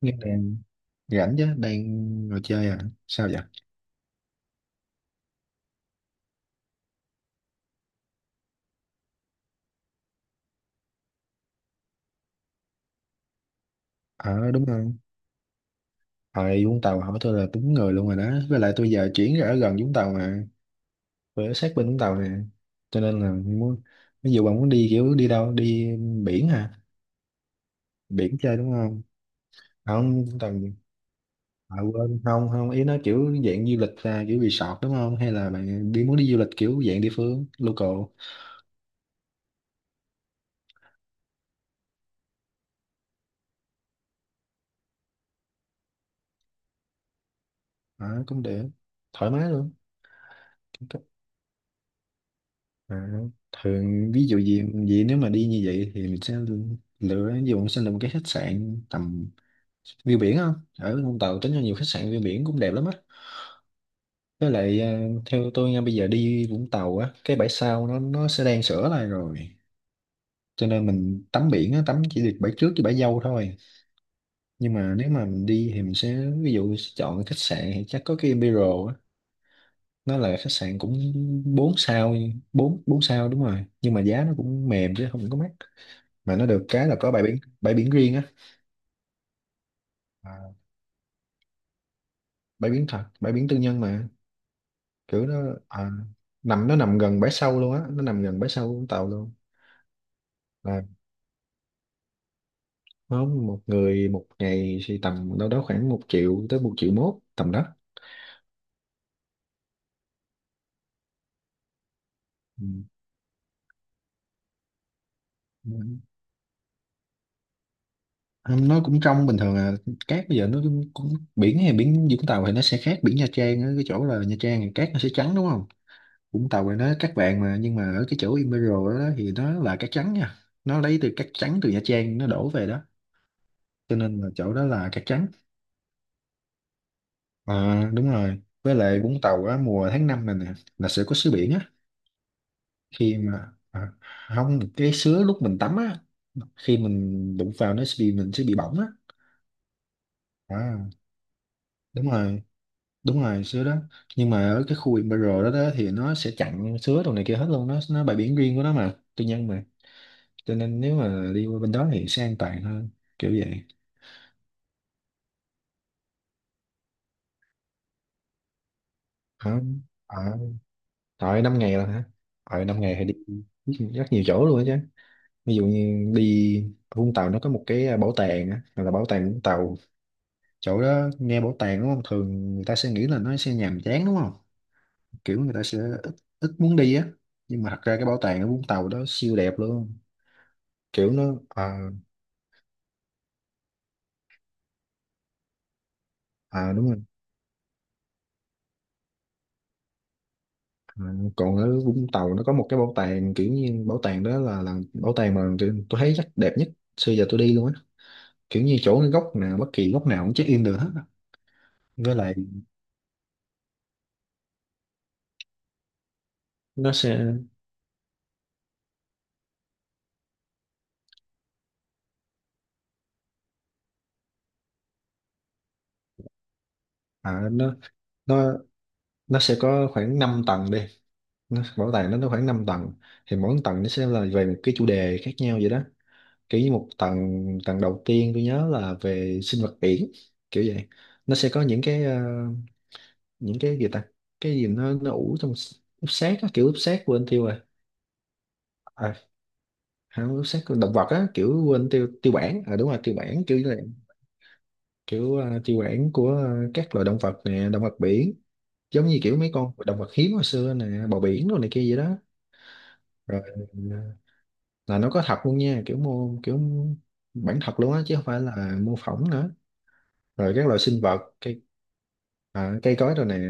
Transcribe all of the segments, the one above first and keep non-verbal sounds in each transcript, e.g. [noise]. Nghe nè, rảnh chứ, đang ngồi chơi à? Sao vậy? Ờ đúng không? Hồi Vũng Tàu hỏi tôi là đúng người luôn rồi đó. Với lại tôi giờ chuyển ra ở gần Vũng Tàu mà. Tôi ở sát bên Vũng Tàu nè. Cho nên là muốn, ví dụ bạn muốn đi kiểu đi đâu? Đi biển hả? Biển chơi đúng không? Không, Vũng Tàu gì? À, quên, không, không. Ý nó kiểu dạng du lịch ra, kiểu resort đúng không? Hay là bạn đi muốn đi du lịch kiểu dạng địa phương, local? À, cũng được. Thoải mái luôn. À, thường ví dụ gì vậy nếu mà đi như vậy thì mình sẽ lựa, ví dụ mình sẽ lựa một cái khách sạn tầm view biển không. Ở Vũng Tàu tính ra nhiều khách sạn view biển cũng đẹp lắm á. Với lại à, theo tôi nha, bây giờ đi Vũng Tàu á cái bãi sau nó sẽ đang sửa lại rồi, cho nên mình tắm biển á tắm chỉ được bãi trước với bãi dâu thôi. Nhưng mà nếu mà mình đi thì mình sẽ, ví dụ sẽ chọn khách sạn thì chắc có cái Imperial á, nó là khách sạn cũng 4 sao 4 bốn bốn sao, đúng rồi, nhưng mà giá nó cũng mềm chứ không có mắc, mà nó được cái là có bãi biển riêng á. À, bãi biển thật, bãi biển tư nhân mà, kiểu nó à, nằm, nó nằm gần bãi sâu luôn á, nó nằm gần bãi sâu Vũng Tàu luôn. Là không, một người một ngày thì tầm đâu đó khoảng 1 triệu tới 1,1 triệu tầm đó. Ừ. Ừ. Không, nó cũng trong bình thường à, cát bây giờ nó cũng, cũng biển hay biển Vũng Tàu thì nó sẽ khác biển Nha Trang á, cái chỗ là Nha Trang thì cát nó sẽ trắng đúng không, Vũng Tàu thì nó cát vàng mà, nhưng mà ở cái chỗ Emerald đó thì nó là cát trắng nha, nó lấy từ cát trắng từ Nha Trang nó đổ về đó, cho nên là chỗ đó là cát trắng. À, đúng rồi, với lại Vũng Tàu á mùa tháng 5 này nè là sẽ có sứa biển á. Khi mà à, không, cái sứa lúc mình tắm á, khi mình đụng vào nó sẽ bị, mình sẽ bị bỏng á. À, đúng rồi, đúng rồi sứa đó. Nhưng mà ở cái khu biển đó, đó thì nó sẽ chặn sứa đồ này kia hết luôn, nó bãi biển riêng của nó mà, tư nhân mà, cho nên nếu mà đi qua bên đó thì sẽ an toàn hơn, kiểu vậy. Hả? À, rồi 5 ngày rồi hả? Rồi năm ngày thì đi rất nhiều chỗ luôn á chứ. Ví dụ như đi Vũng Tàu nó có một cái à, bảo tàng á, gọi là bảo tàng Vũng Tàu. Chỗ đó nghe bảo tàng đúng không, thường người ta sẽ nghĩ là nó sẽ nhàm chán đúng không, kiểu người ta sẽ ít ít muốn đi á, nhưng mà thật ra cái bảo tàng ở Vũng Tàu đó siêu đẹp luôn, kiểu nó à, à đúng rồi. À, còn ở Vũng Tàu nó có một cái bảo tàng, kiểu như bảo tàng đó là bảo tàng mà kiểu tôi thấy chắc đẹp nhất xưa giờ tôi đi luôn á, kiểu như chỗ cái góc nào bất kỳ góc nào cũng check in được hết á. Với lại nó sẽ à, nó nó sẽ có khoảng 5 tầng đi, nó bảo tàng nó khoảng 5 tầng, thì mỗi tầng nó sẽ là về một cái chủ đề khác nhau vậy đó. Kiểu như một tầng tầng đầu tiên tôi nhớ là về sinh vật biển, kiểu vậy. Nó sẽ có những cái những cái gì ta, cái gì nó ủ trong s- úp sét á, kiểu úp sét, quên tiêu rồi. À không, úp sét của động vật á, kiểu quên tiêu tiêu bản, à đúng rồi tiêu bản, kiểu như là kiểu tiêu bản của các loài động vật nè, động vật biển, giống như kiểu mấy con động vật hiếm hồi xưa nè, bò biển rồi này kia vậy đó. Rồi ờ, là nó có thật luôn nha, kiểu mô, kiểu bản thật luôn á chứ không phải là mô phỏng nữa. Rồi các loại sinh vật, cây à, cây cối rồi này,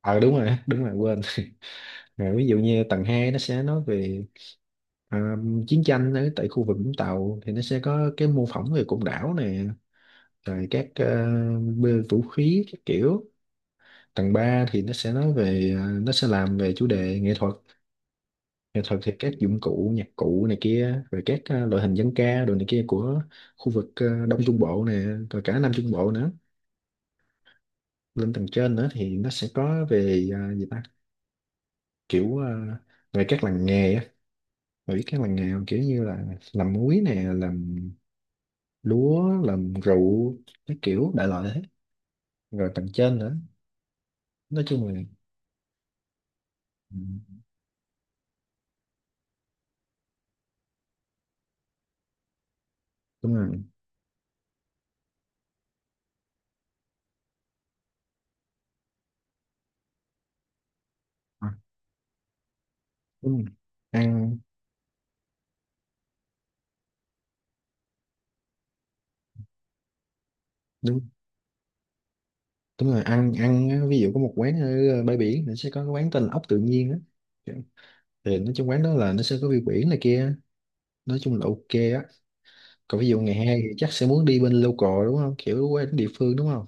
ờ đúng rồi, đúng rồi quên [laughs] rồi. Ví dụ như tầng 2 nó sẽ nói về à, chiến tranh ở tại khu vực Vũng Tàu, thì nó sẽ có cái mô phỏng về cụm đảo nè, rồi các bê vũ khí các kiểu. Tầng 3 thì nó sẽ nói về à, nó sẽ làm về chủ đề nghệ thuật. Nghệ thuật thì các dụng cụ nhạc cụ này kia, rồi các loại hình dân ca đồ này kia của khu vực Đông Trung Bộ này, rồi cả Nam Trung Bộ nữa. Lên tầng trên nữa thì nó sẽ có về gì ta, kiểu về các làng nghề á. Bà biết các làng nghề không? Kiểu như là làm muối nè, làm lúa, làm rượu, cái kiểu đại loại thế. Rồi tầng trên nữa nói chung là ừ, đúng rồi à, đúng rồi. Ăn đúng, đúng rồi ăn ăn á, ví dụ có một quán ở bãi biển thì sẽ có cái quán tên là ốc tự nhiên á, thì nói chung quán đó là nó sẽ có view biển này kia, nói chung là ok á. Còn ví dụ ngày 2 thì chắc sẽ muốn đi bên local đúng không, kiểu quán địa phương đúng không.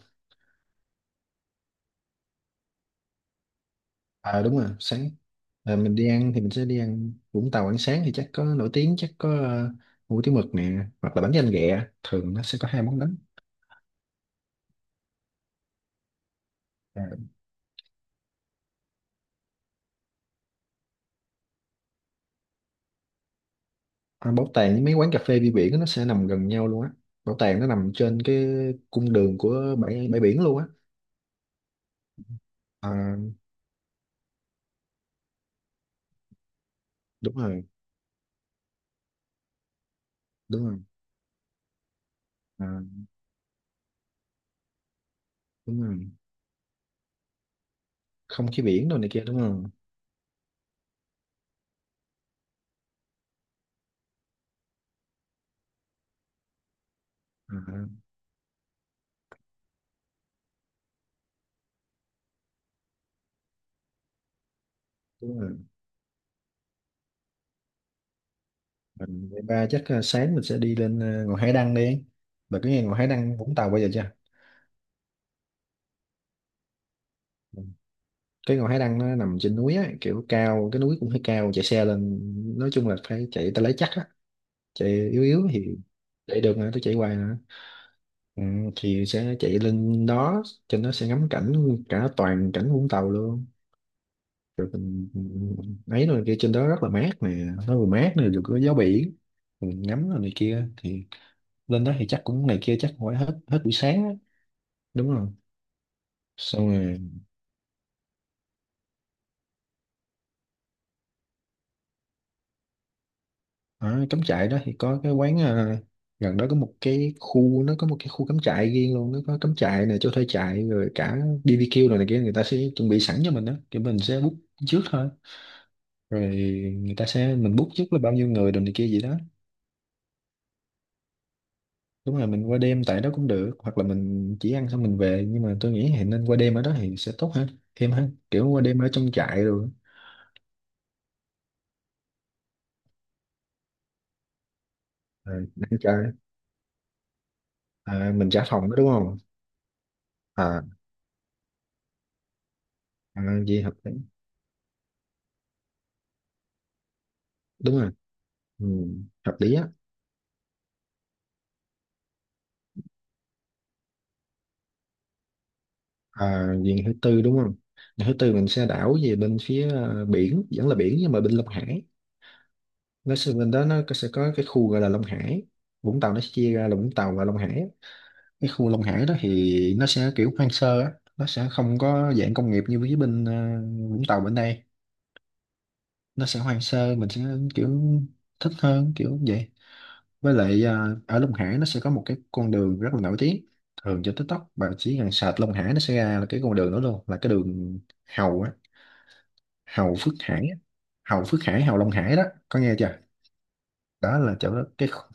À đúng rồi sáng, à, mình đi ăn thì mình sẽ đi ăn Vũng Tàu, ăn sáng thì chắc có nổi tiếng, chắc có hủ tiếu mực nè, hoặc là bánh canh ghẹ, thường nó sẽ có 2 món đó. À, à, bảo tàng với mấy quán cà phê view biển á, nó sẽ nằm gần nhau luôn á. Bảo tàng nó nằm trên cái cung đường của bãi bãi biển luôn á. À, đúng rồi. Đúng rồi à, đúng rồi. Không khí biển đồ này kia đúng không. À, đúng rồi. Mình- Vậy ba chắc sáng mình sẽ đi lên ngọn Hải Đăng đi. Bà có nghe ngọn Hải Đăng Vũng Tàu bao giờ chưa? Ừ. Cái ngọn Hải Đăng nó nằm trên núi á, kiểu cao, cái núi cũng hơi cao, chạy xe lên, nói chung là phải chạy tay lái chắc á, chạy yếu yếu thì chạy được nữa, tôi chạy hoài nữa. Ừ, thì sẽ chạy lên đó, trên đó sẽ ngắm cảnh cả toàn cảnh Vũng Tàu luôn. Rồi mình ấy rồi kia, trên đó rất là mát nè, nó vừa mát này vừa có gió biển, mình ngắm rồi này kia thì lên đó thì chắc cũng này kia chắc phải hết hết buổi sáng á. Đúng rồi, xong rồi ở cắm trại đó thì có cái quán à, gần đó có một cái khu, nó có một cái khu cắm trại riêng luôn, nó có cắm trại này, chỗ thuê trại rồi cả BBQ rồi này kia, người ta sẽ chuẩn bị sẵn cho mình đó, thì mình sẽ book trước thôi, rồi người ta sẽ, mình book trước là bao nhiêu người rồi này kia gì đó. Đúng rồi, mình qua đêm tại đó cũng được, hoặc là mình chỉ ăn xong mình về, nhưng mà tôi nghĩ thì nên qua đêm ở đó thì sẽ tốt hơn, thêm hơn, kiểu qua đêm ở trong trại rồi, rồi ăn trại. À, mình trả phòng đó đúng không. À, à gì hợp lý, đúng rồi. Ừ, hợp lý á. À, viện thứ tư đúng không, viện thứ tư mình sẽ đảo về bên phía biển, vẫn là biển nhưng mà bên Long Hải. Nó sẽ, bên đó nó có- sẽ có cái khu gọi là Long Hải. Vũng Tàu nó sẽ chia ra là Vũng Tàu và Long Hải. Cái khu Long Hải đó thì nó sẽ kiểu hoang sơ á, nó sẽ không có dạng công nghiệp như với bên Vũng Tàu bên đây. Nó sẽ hoang sơ, mình sẽ kiểu thích hơn, kiểu vậy. Với lại à, ở Long Hải nó sẽ có một cái con đường rất là nổi tiếng, thường trên TikTok bạn chỉ cần search Long Hải nó sẽ ra là cái con đường đó luôn, là cái đường Hầu á, Hầu Phước Hải á. Hầu Phước Hải, Hầu Long Hải đó, có nghe chưa. Đó là chỗ đó cái khu-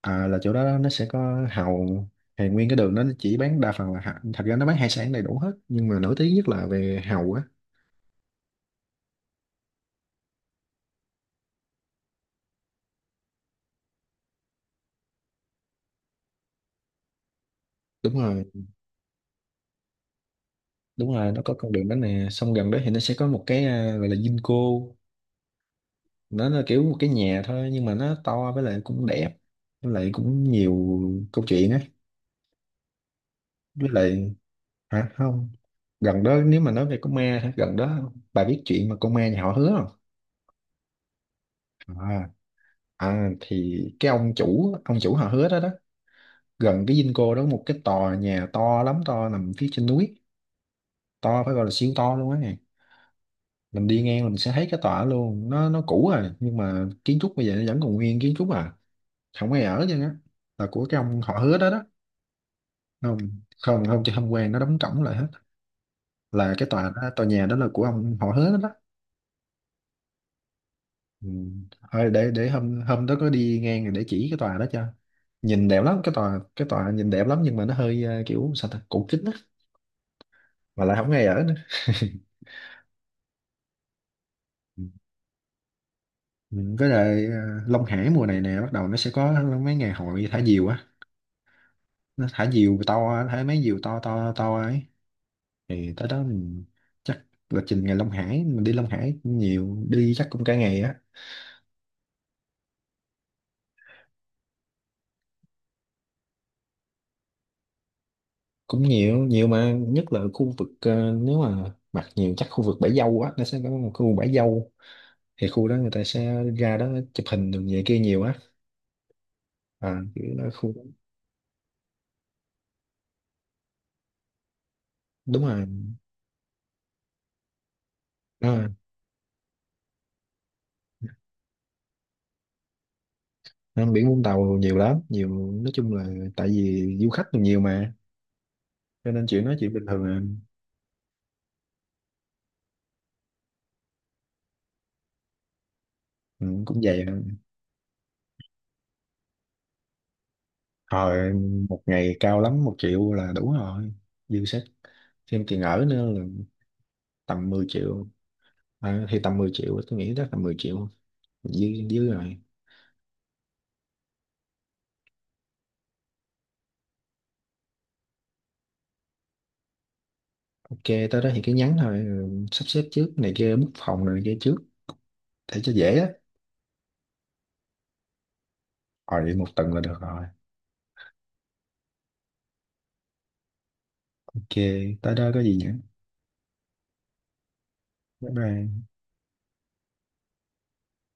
à, là chỗ đó nó sẽ có Hầu, thì nguyên cái đường đó nó chỉ bán đa phần là hạ- thật ra nó bán hải sản đầy đủ hết nhưng mà nổi tiếng nhất là về Hầu á. Đúng rồi, đúng rồi, nó có con đường đó nè, xong gần đó thì nó sẽ có một cái à, gọi là Vinco. Nó là kiểu một cái nhà thôi nhưng mà nó to, với lại cũng đẹp, với lại cũng nhiều câu chuyện á. Với lại hả, không, gần đó nếu mà nói về con ma hả? Gần đó bà biết chuyện mà con ma nhà họ hứa không? À, à thì cái ông chủ họ hứa đó đó, gần cái dinh cô đó, một cái tòa nhà to lắm, to, nằm phía trên núi, to phải gọi là siêu to luôn á nè. Mình đi ngang mình sẽ thấy cái tòa đó luôn, nó cũ rồi nhưng mà kiến trúc bây giờ nó vẫn còn nguyên kiến trúc à, không ai ở chứ á, là của cái ông họ hứa đó đó. Không, không không chứ không quen, nó đóng cổng lại hết. Là cái tòa đó, tòa nhà đó là của ông họ hết đó. Ừ. Thôi để hôm, hôm đó có đi ngang rồi để chỉ cái tòa đó cho. Nhìn đẹp lắm, cái tòa, cái tòa nhìn đẹp lắm, nhưng mà nó hơi kiểu sao ta, cũ kính á, mà lại không ai ở nữa. Ừ. Ừ, với lại Long Hải mùa này nè bắt đầu nó sẽ có mấy ngày hội thả diều á, nó thả diều to á, thả mấy diều to to to ấy, thì tới đó mình chắc lịch trình ngày Long Hải, mình đi Long Hải cũng nhiều, đi chắc cũng cả ngày á. Cũng nhiều, nhiều mà, nhất là khu vực nếu mà mặt nhiều chắc khu vực bãi dâu á, nó sẽ có một khu bãi dâu, thì khu đó người ta sẽ ra đó chụp hình đường về kia nhiều á. À kiểu đó khu, đúng rồi. À, nên biển Vũng Tàu nhiều lắm, nhiều nói chung là tại vì du khách nhiều mà, cho nên chuyện nói chuyện bình thường à. Ừ, cũng vậy à. Hồi 1 ngày cao lắm 1 triệu là đủ rồi, dư sức, thêm tiền ở nữa là tầm 10 triệu. À, thì tầm 10 triệu tôi nghĩ đó, tầm 10 triệu dư dư rồi. Ok, tới đó thì cứ nhắn thôi, rồi sắp xếp trước này kia, book phòng rồi này kia trước để cho dễ á. Rồi 1 tuần là được rồi. Ok, tới đó có gì nữa. Bye bye.